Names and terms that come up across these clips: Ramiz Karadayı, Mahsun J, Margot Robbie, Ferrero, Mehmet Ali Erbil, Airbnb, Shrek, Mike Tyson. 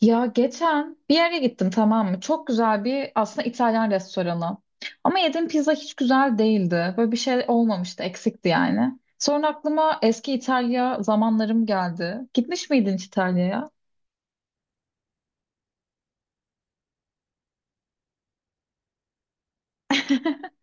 Ya geçen bir yere gittim, tamam mı? Çok güzel bir aslında İtalyan restoranı. Ama yediğim pizza hiç güzel değildi. Böyle bir şey olmamıştı, eksikti yani. Sonra aklıma eski İtalya zamanlarım geldi. Gitmiş miydin hiç İtalya'ya?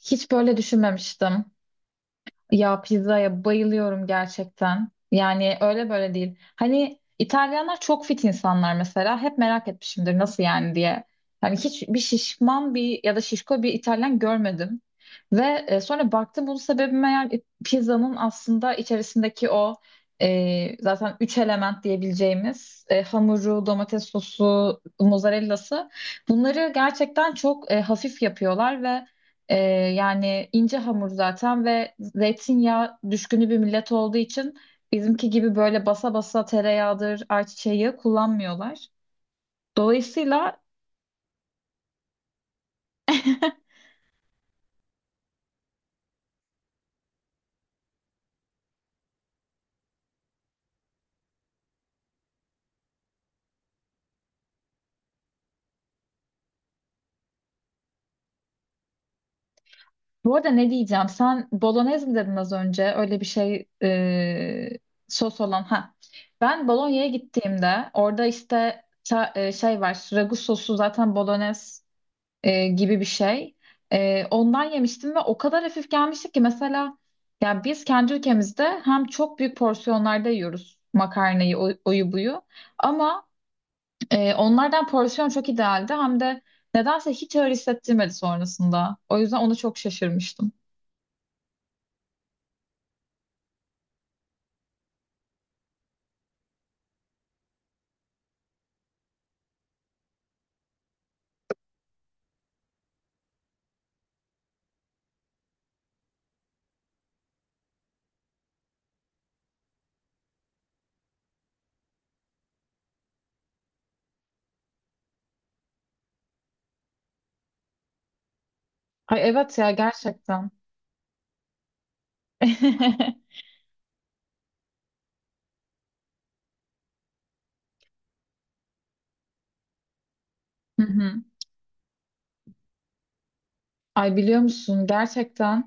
Hiç böyle düşünmemiştim. Ya pizzaya bayılıyorum gerçekten. Yani öyle böyle değil. Hani İtalyanlar çok fit insanlar mesela. Hep merak etmişimdir nasıl yani diye. Yani hiçbir şişman bir ya da şişko bir İtalyan görmedim. Ve sonra baktım bunun sebebi meğer pizzanın aslında içerisindeki o zaten üç element diyebileceğimiz hamuru, domates sosu, mozzarellası bunları gerçekten çok hafif yapıyorlar ve ee, yani ince hamur zaten ve zeytinyağı düşkünü bir millet olduğu için bizimki gibi böyle basa basa tereyağıdır, ayçiçeği yağı kullanmıyorlar. Dolayısıyla bu arada, ne diyeceğim? Sen bolognese mi dedin az önce? Öyle bir şey, sos olan. Ha. Ben Bologna'ya gittiğimde orada işte şey var. Ragu sosu zaten bolognese gibi bir şey. Ondan yemiştim ve o kadar hafif gelmişti ki mesela, yani biz kendi ülkemizde hem çok büyük porsiyonlarda yiyoruz makarnayı, oyu buyu, ama onlardan porsiyon çok idealdi, hem de nedense hiç öyle hissettirmedi sonrasında. O yüzden ona çok şaşırmıştım. Ay evet ya, gerçekten. Hı hı. Ay biliyor musun, gerçekten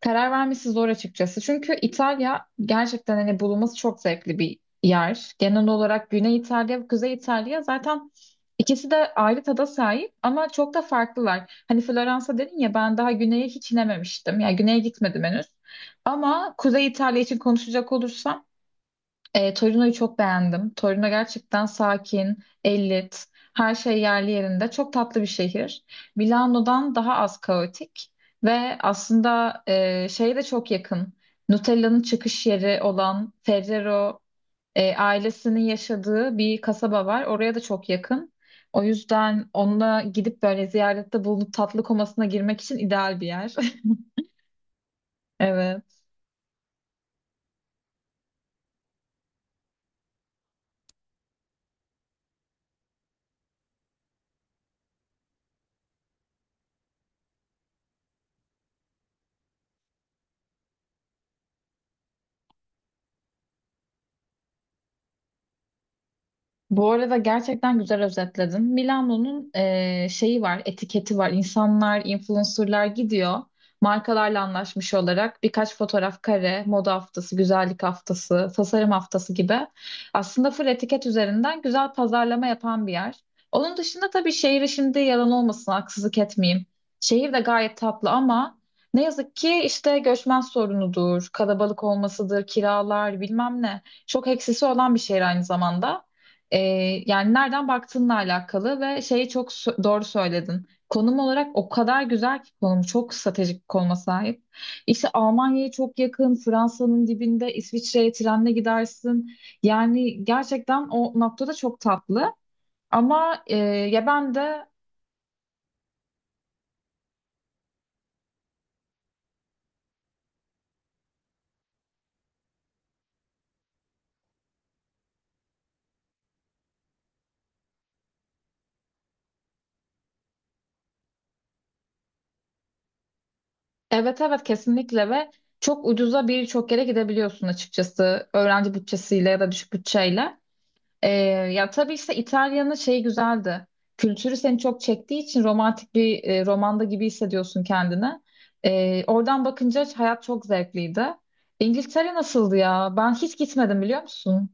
karar vermesi zor açıkçası. Çünkü İtalya gerçekten hani bulunması çok zevkli bir yer. Genel olarak Güney İtalya ve Kuzey İtalya zaten ikisi de ayrı tada sahip ama çok da farklılar. Hani Floransa dedin ya, ben daha güneye hiç inememiştim. Yani güneye gitmedim henüz. Ama Kuzey İtalya için konuşacak olursam, Torino'yu çok beğendim. Torino gerçekten sakin, her şey yerli yerinde. Çok tatlı bir şehir. Milano'dan daha az kaotik ve aslında şeye de çok yakın. Nutella'nın çıkış yeri olan Ferrero ailesinin yaşadığı bir kasaba var. Oraya da çok yakın. O yüzden onunla gidip böyle ziyarette bulunup tatlı komasına girmek için ideal bir yer. Evet. Bu arada gerçekten güzel özetledin. Milano'nun şeyi var, etiketi var. İnsanlar, influencerlar gidiyor. Markalarla anlaşmış olarak birkaç fotoğraf kare, moda haftası, güzellik haftası, tasarım haftası gibi aslında full etiket üzerinden güzel pazarlama yapan bir yer. Onun dışında tabii şehri, şimdi yalan olmasın, haksızlık etmeyeyim. Şehir de gayet tatlı ama ne yazık ki işte göçmen sorunudur, kalabalık olmasıdır, kiralar bilmem ne. Çok eksisi olan bir şehir aynı zamanda. Ee, Yani nereden baktığınla alakalı ve şeyi çok doğru söyledin. Konum olarak o kadar güzel ki, konum çok stratejik bir konuma sahip. İşte Almanya'ya çok yakın, Fransa'nın dibinde, İsviçre'ye trenle gidersin. Yani gerçekten o noktada çok tatlı. Ama ya ben de evet, evet, kesinlikle. Ve çok ucuza birçok yere gidebiliyorsun açıkçası, öğrenci bütçesiyle ya da düşük bütçeyle. Ee, Ya tabii, işte İtalya'nın şeyi güzeldi. Kültürü seni çok çektiği için romantik bir romanda gibi hissediyorsun kendini. Oradan bakınca hayat çok zevkliydi. İngiltere nasıldı ya? Ben hiç gitmedim, biliyor musun?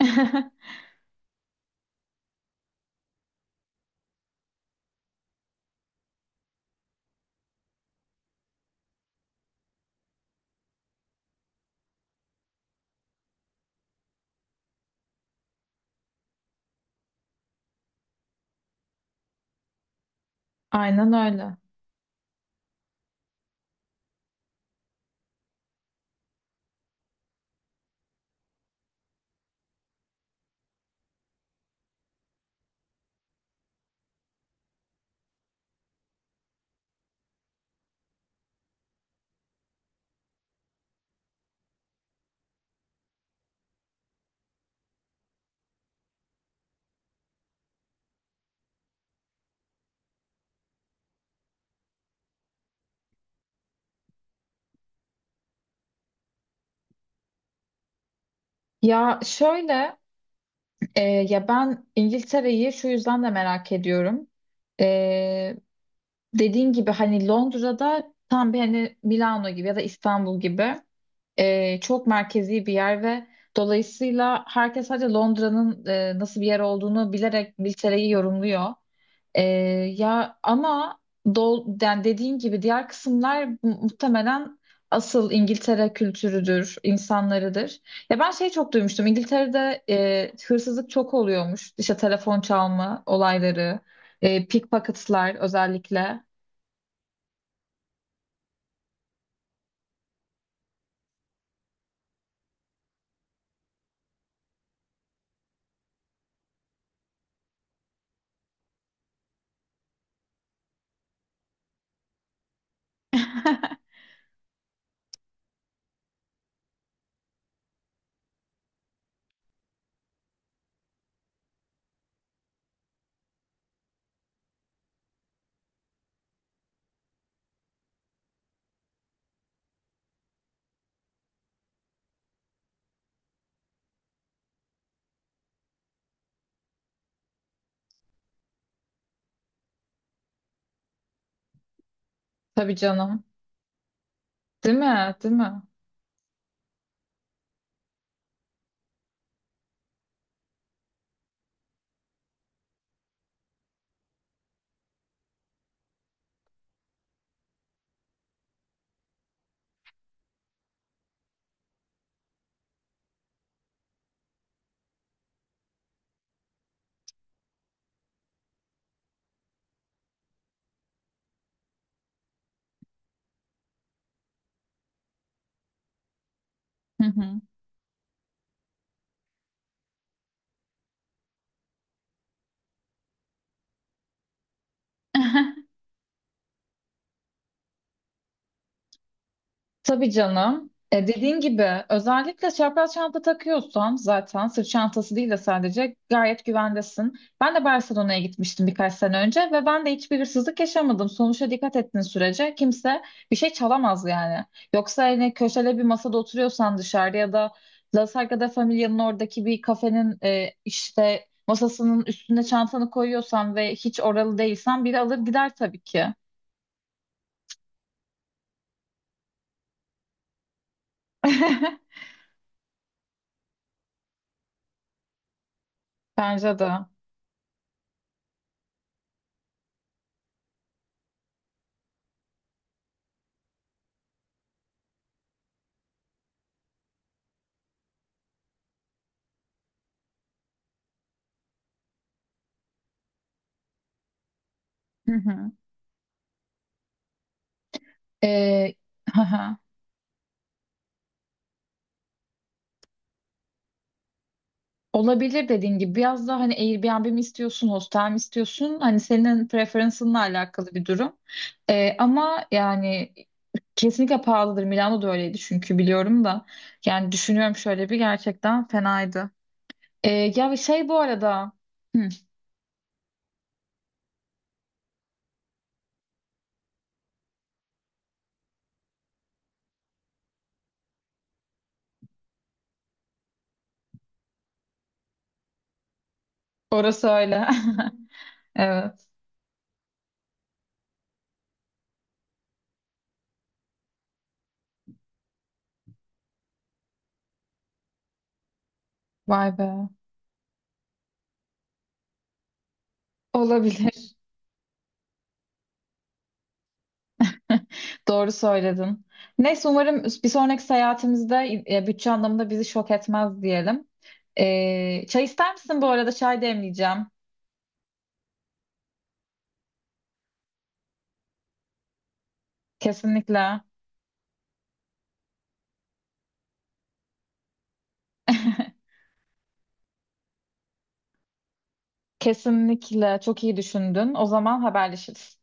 Aynen öyle. Ya şöyle, ya ben İngiltere'yi şu yüzden de merak ediyorum. E, Dediğin gibi hani Londra'da tam bir hani Milano gibi ya da İstanbul gibi, çok merkezi bir yer ve dolayısıyla herkes sadece Londra'nın nasıl bir yer olduğunu bilerek İngiltere'yi yorumluyor. E, Ya ama yani dediğin gibi diğer kısımlar muhtemelen asıl İngiltere kültürüdür, insanlarıdır. Ya ben şey çok duymuştum. İngiltere'de hırsızlık çok oluyormuş. İşte telefon çalma olayları, pickpocketlar özellikle. Tabii canım. Değil mi? Değil mi? Hı hı. Tabii canım. E, dediğin gibi özellikle çapraz çanta takıyorsan, zaten sırt çantası değil de, sadece gayet güvendesin. Ben de Barcelona'ya gitmiştim birkaç sene önce ve ben de hiçbir hırsızlık yaşamadım. Sonuçta dikkat ettiğin sürece kimse bir şey çalamaz yani. Yoksa hani köşede bir masada oturuyorsan dışarıda ya da La Sagrada Familia'nın oradaki bir kafenin işte masasının üstüne çantanı koyuyorsan ve hiç oralı değilsen, biri alır gider tabii ki. Bence de. Hı hı. Ee, hı hı. Olabilir, dediğin gibi. Biraz daha hani Airbnb mi istiyorsun, hostel mi istiyorsun? Hani senin preferansınla alakalı bir durum. Ama yani kesinlikle pahalıdır. Milano da öyleydi, çünkü biliyorum da. Yani düşünüyorum, şöyle bir gerçekten fenaydı. Ee, Ya bir şey bu arada. Hı, orası öyle. Evet. Vay be. Olabilir. Doğru söyledin. Neyse, umarım bir sonraki seyahatimizde bütçe anlamında bizi şok etmez diyelim. Çay ister misin bu arada? Çay demleyeceğim. Kesinlikle. Kesinlikle. Çok iyi düşündün. O zaman haberleşiriz.